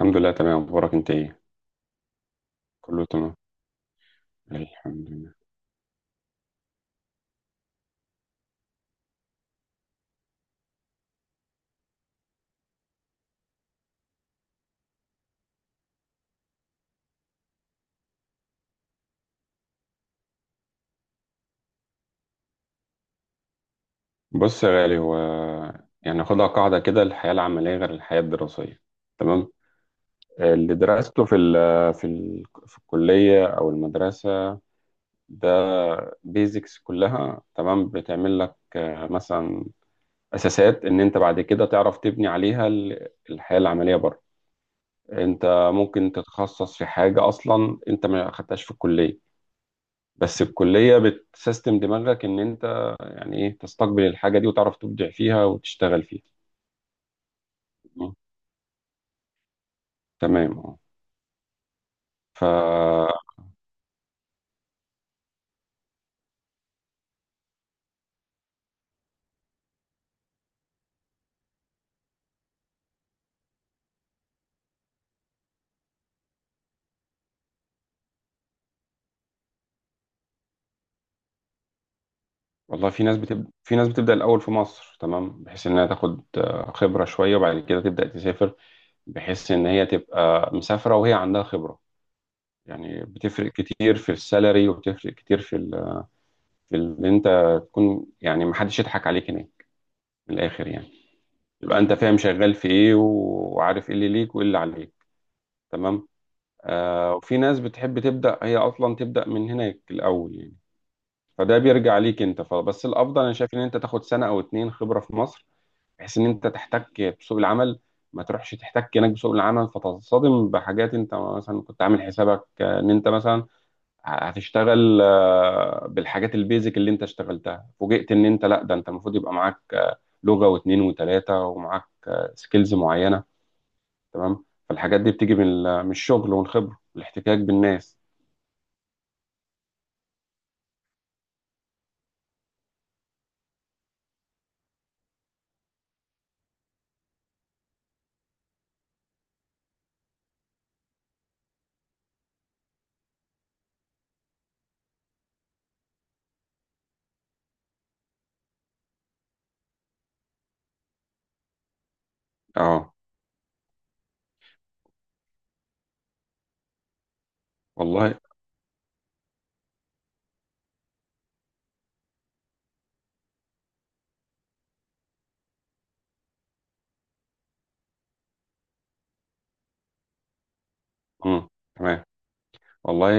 الحمد لله، تمام. اخبارك انت ايه؟ كله تمام. الحمد لله. بص يا غالي، هو يعني ناخدها قاعده كده، الحياه العمليه غير الحياه الدراسيه، تمام. اللي درسته في الكليه او المدرسه ده بيزكس كلها تمام، بتعمل لك مثلا اساسات ان انت بعد كده تعرف تبني عليها الحياه العمليه بره. انت ممكن تتخصص في حاجه اصلا انت ما خدتهاش في الكليه، بس الكلية بتسيستم دماغك إن أنت يعني إيه تستقبل الحاجة دي وتعرف تبدع فيها وتشتغل فيها. مم. تمام، أه. ف والله، في ناس بتبدأ الأول في مصر، تمام، بحيث إنها تاخد خبرة شوية وبعد كده تبدأ تسافر، بحيث إن هي تبقى مسافرة وهي عندها خبرة. يعني بتفرق كتير في السالري وبتفرق كتير في إن أنت تكون يعني محدش يضحك عليك هناك، من الآخر يعني، يبقى أنت فاهم شغال في إيه وعارف إيه اللي ليك وإيه اللي عليك، تمام. وفي ناس بتحب تبدأ هي أصلا تبدأ من هناك الأول يعني، فده بيرجع ليك أنت. فبس الأفضل أنا شايف إن أنت تاخد سنة أو اتنين خبرة في مصر، بحيث إن أنت تحتك بسوق العمل، ما تروحش تحتك هناك بسوق العمل فتصطدم بحاجات أنت مثلا كنت عامل حسابك إن أنت مثلا هتشتغل بالحاجات البيزك، اللي أنت اشتغلتها فوجئت إن أنت لأ، ده أنت المفروض يبقى معاك لغة واتنين وتلاتة، ومعاك سكيلز معينة، تمام. فالحاجات دي بتيجي من الشغل والخبرة والاحتكاك بالناس. اه، والله. امم. تمام. والله،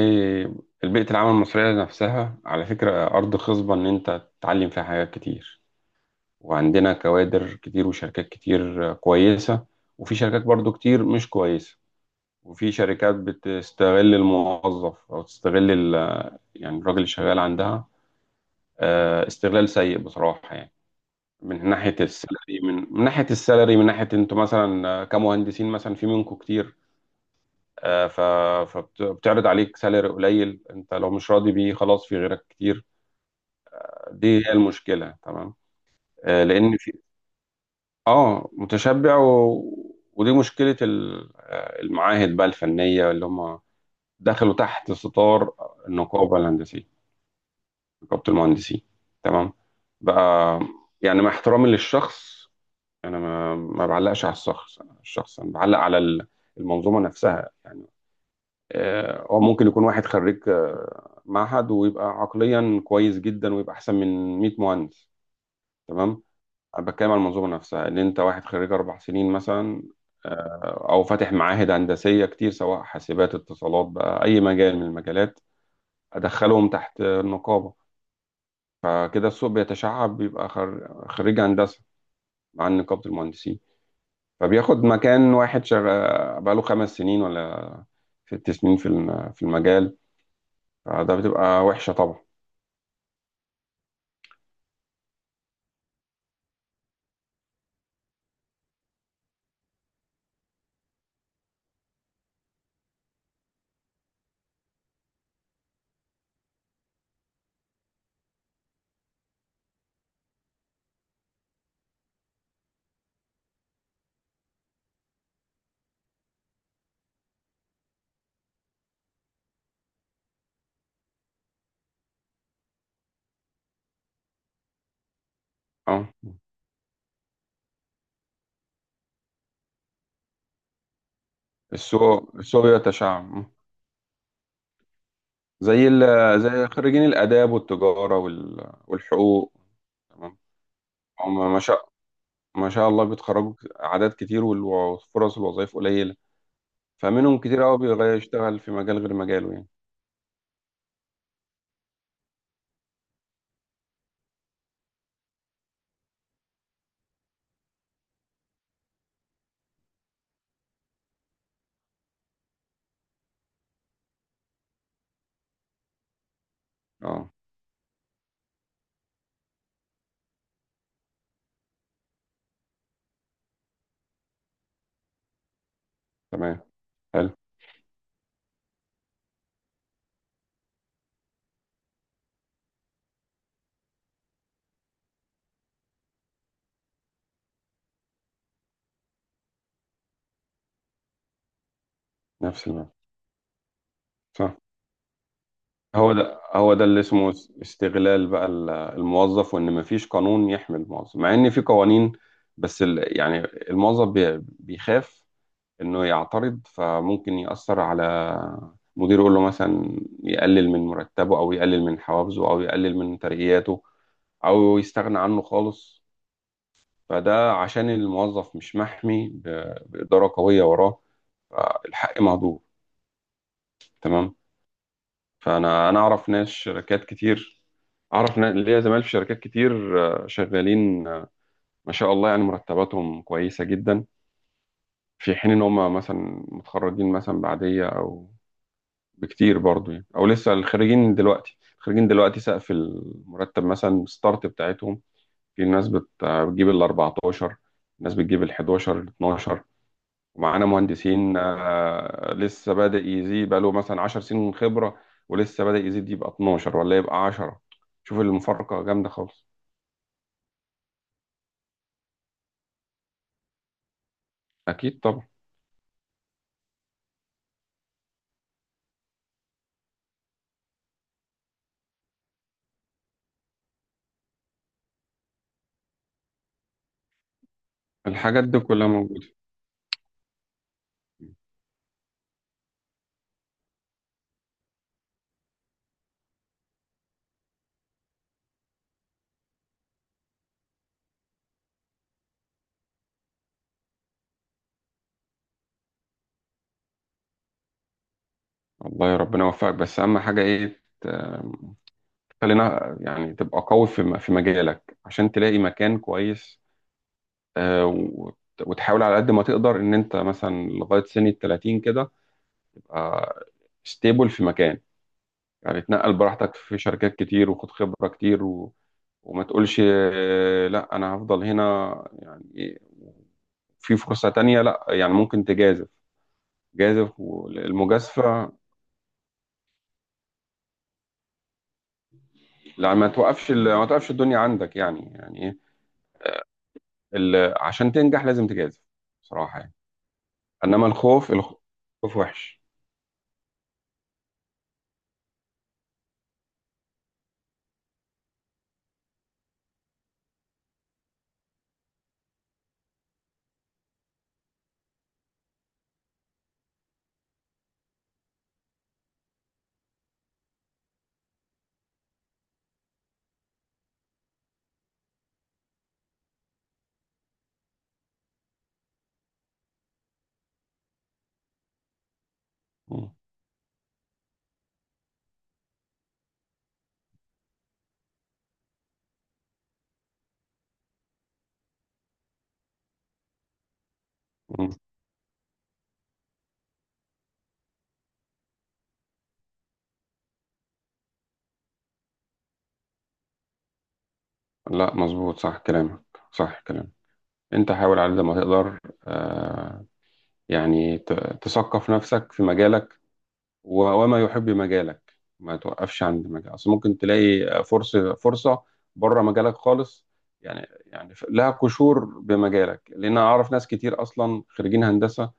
البيئة العمل المصرية نفسها على فكرة أرض خصبة إن أنت تتعلم فيها حاجات كتير، وعندنا كوادر كتير وشركات كتير كويسة، وفي شركات برضو كتير مش كويسة، وفي شركات بتستغل الموظف أو تستغل يعني الراجل اللي شغال عندها استغلال سيء بصراحة يعني، من ناحية السالري، من ناحية أنتوا مثلا كمهندسين، مثلا في منكم كتير. آه، ف- فبتعرض عليك سالري قليل، انت لو مش راضي بيه خلاص في غيرك كتير. دي هي المشكله، تمام. لان في، اه متشبع ودي مشكله المعاهد بقى الفنيه، اللي هم دخلوا تحت ستار النقابه الهندسيه، نقابه المهندسين، تمام. بقى، يعني مع احترامي للشخص، انا ما بعلقش على الشخص، الشخص انا بعلق على المنظومه نفسها يعني. هو ممكن يكون واحد خريج معهد ويبقى عقليا كويس جدا، ويبقى احسن من 100 مهندس، تمام. انا بتكلم على المنظومه نفسها، ان انت واحد خريج اربع سنين مثلا، او فاتح معاهد هندسيه كتير، سواء حاسبات، اتصالات، بقى اي مجال من المجالات، ادخلهم تحت النقابه. فكده السوق بيتشعب، بيبقى خريج هندسه مع نقابه المهندسين، فبياخد مكان واحد شغال بقاله خمس سنين ولا ست سنين في المجال. فده بتبقى وحشه طبعا. اه. السوق يتشعب. مم. زي ال... زي خريجين الآداب والتجارة والحقوق، تمام. هم ما شاء الله بيتخرجوا أعداد كتير، وفرص الوظائف قليلة، فمنهم كتير قوي بيغير يشتغل في مجال غير مجاله يعني. اه. تمام. حلو. نفس المعنى. صح. هو ده اللي اسمه استغلال بقى الموظف، وان مفيش قانون يحمي الموظف مع ان في قوانين، بس يعني الموظف بيخاف انه يعترض، فممكن يأثر على مديره، يقول له مثلا يقلل من مرتبه او يقلل من حوافزه او يقلل من ترقياته، او يستغنى عنه خالص. فده عشان الموظف مش محمي بإدارة قوية وراه، فالحق مهدور، تمام. فانا اعرف ناس شركات كتير، اعرف ليا زمايل في شركات كتير، شغالين، ما شاء الله، يعني مرتباتهم كويسة جدا، في حين ان هم مثلا متخرجين مثلا بعدية او بكتير برضو يعني، او لسه الخريجين دلوقتي سقف المرتب مثلا، الستارت بتاعتهم، في ناس بتجيب ال 14، ناس بتجيب ال 11 ال 12، ومعانا مهندسين لسه بادئ يزيد بقاله مثلا 10 سنين خبرة، ولسه بادئ يزيد يبقى 12 ولا يبقى 10. شوف المفارقة جامدة خالص. اكيد طبعا. الحاجات دي كلها موجودة. الله، يا ربنا يوفقك. بس اهم حاجة ايه، خلينا يعني تبقى قوي في مجالك عشان تلاقي مكان كويس، آه، وت- وتحاول على قد ما تقدر ان انت مثلا لغايه سن ال 30 كده تبقى ستيبل في مكان. يعني تنقل براحتك في شركات كتير، وخد خبره كتير، وما تقولش لا انا هفضل هنا. يعني إيه، في فرصه تانية، لا يعني ممكن تجازف، جازف. والمجازفه، لا ما توقفش الدنيا عندك يعني، يعني ايه، عشان تنجح لازم تجازف، بصراحه يعني. انما الخوف، الخوف وحش. مم. مم. لا مظبوط، صح كلامك، صح كلامك. انت حاول على قد ما تقدر، آه، يعني تثقف نفسك في مجالك، وما يحب مجالك ما توقفش عند مجال، اصل ممكن تلاقي فرصة، فرصة بره مجالك خالص يعني لها قشور بمجالك، لان انا اعرف ناس كتير اصلا خريجين هندسة،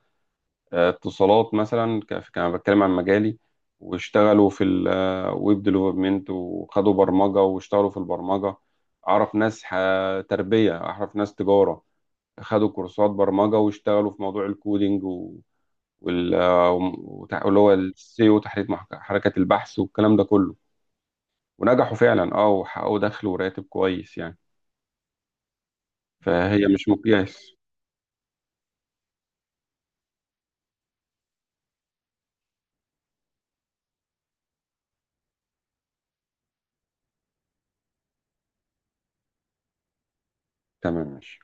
اتصالات مثلا، كان بتكلم عن مجالي، واشتغلوا في الويب ديفلوبمنت، وخدوا برمجة واشتغلوا في البرمجة. اعرف ناس تربية، اعرف ناس تجارة، خدوا كورسات برمجة واشتغلوا في موضوع الكودينج وال... واللي هو السيو، حركة البحث والكلام ده كله، ونجحوا فعلا، وحققوا دخل وراتب كويس يعني، فهي مش مقياس. تمام، ماشي.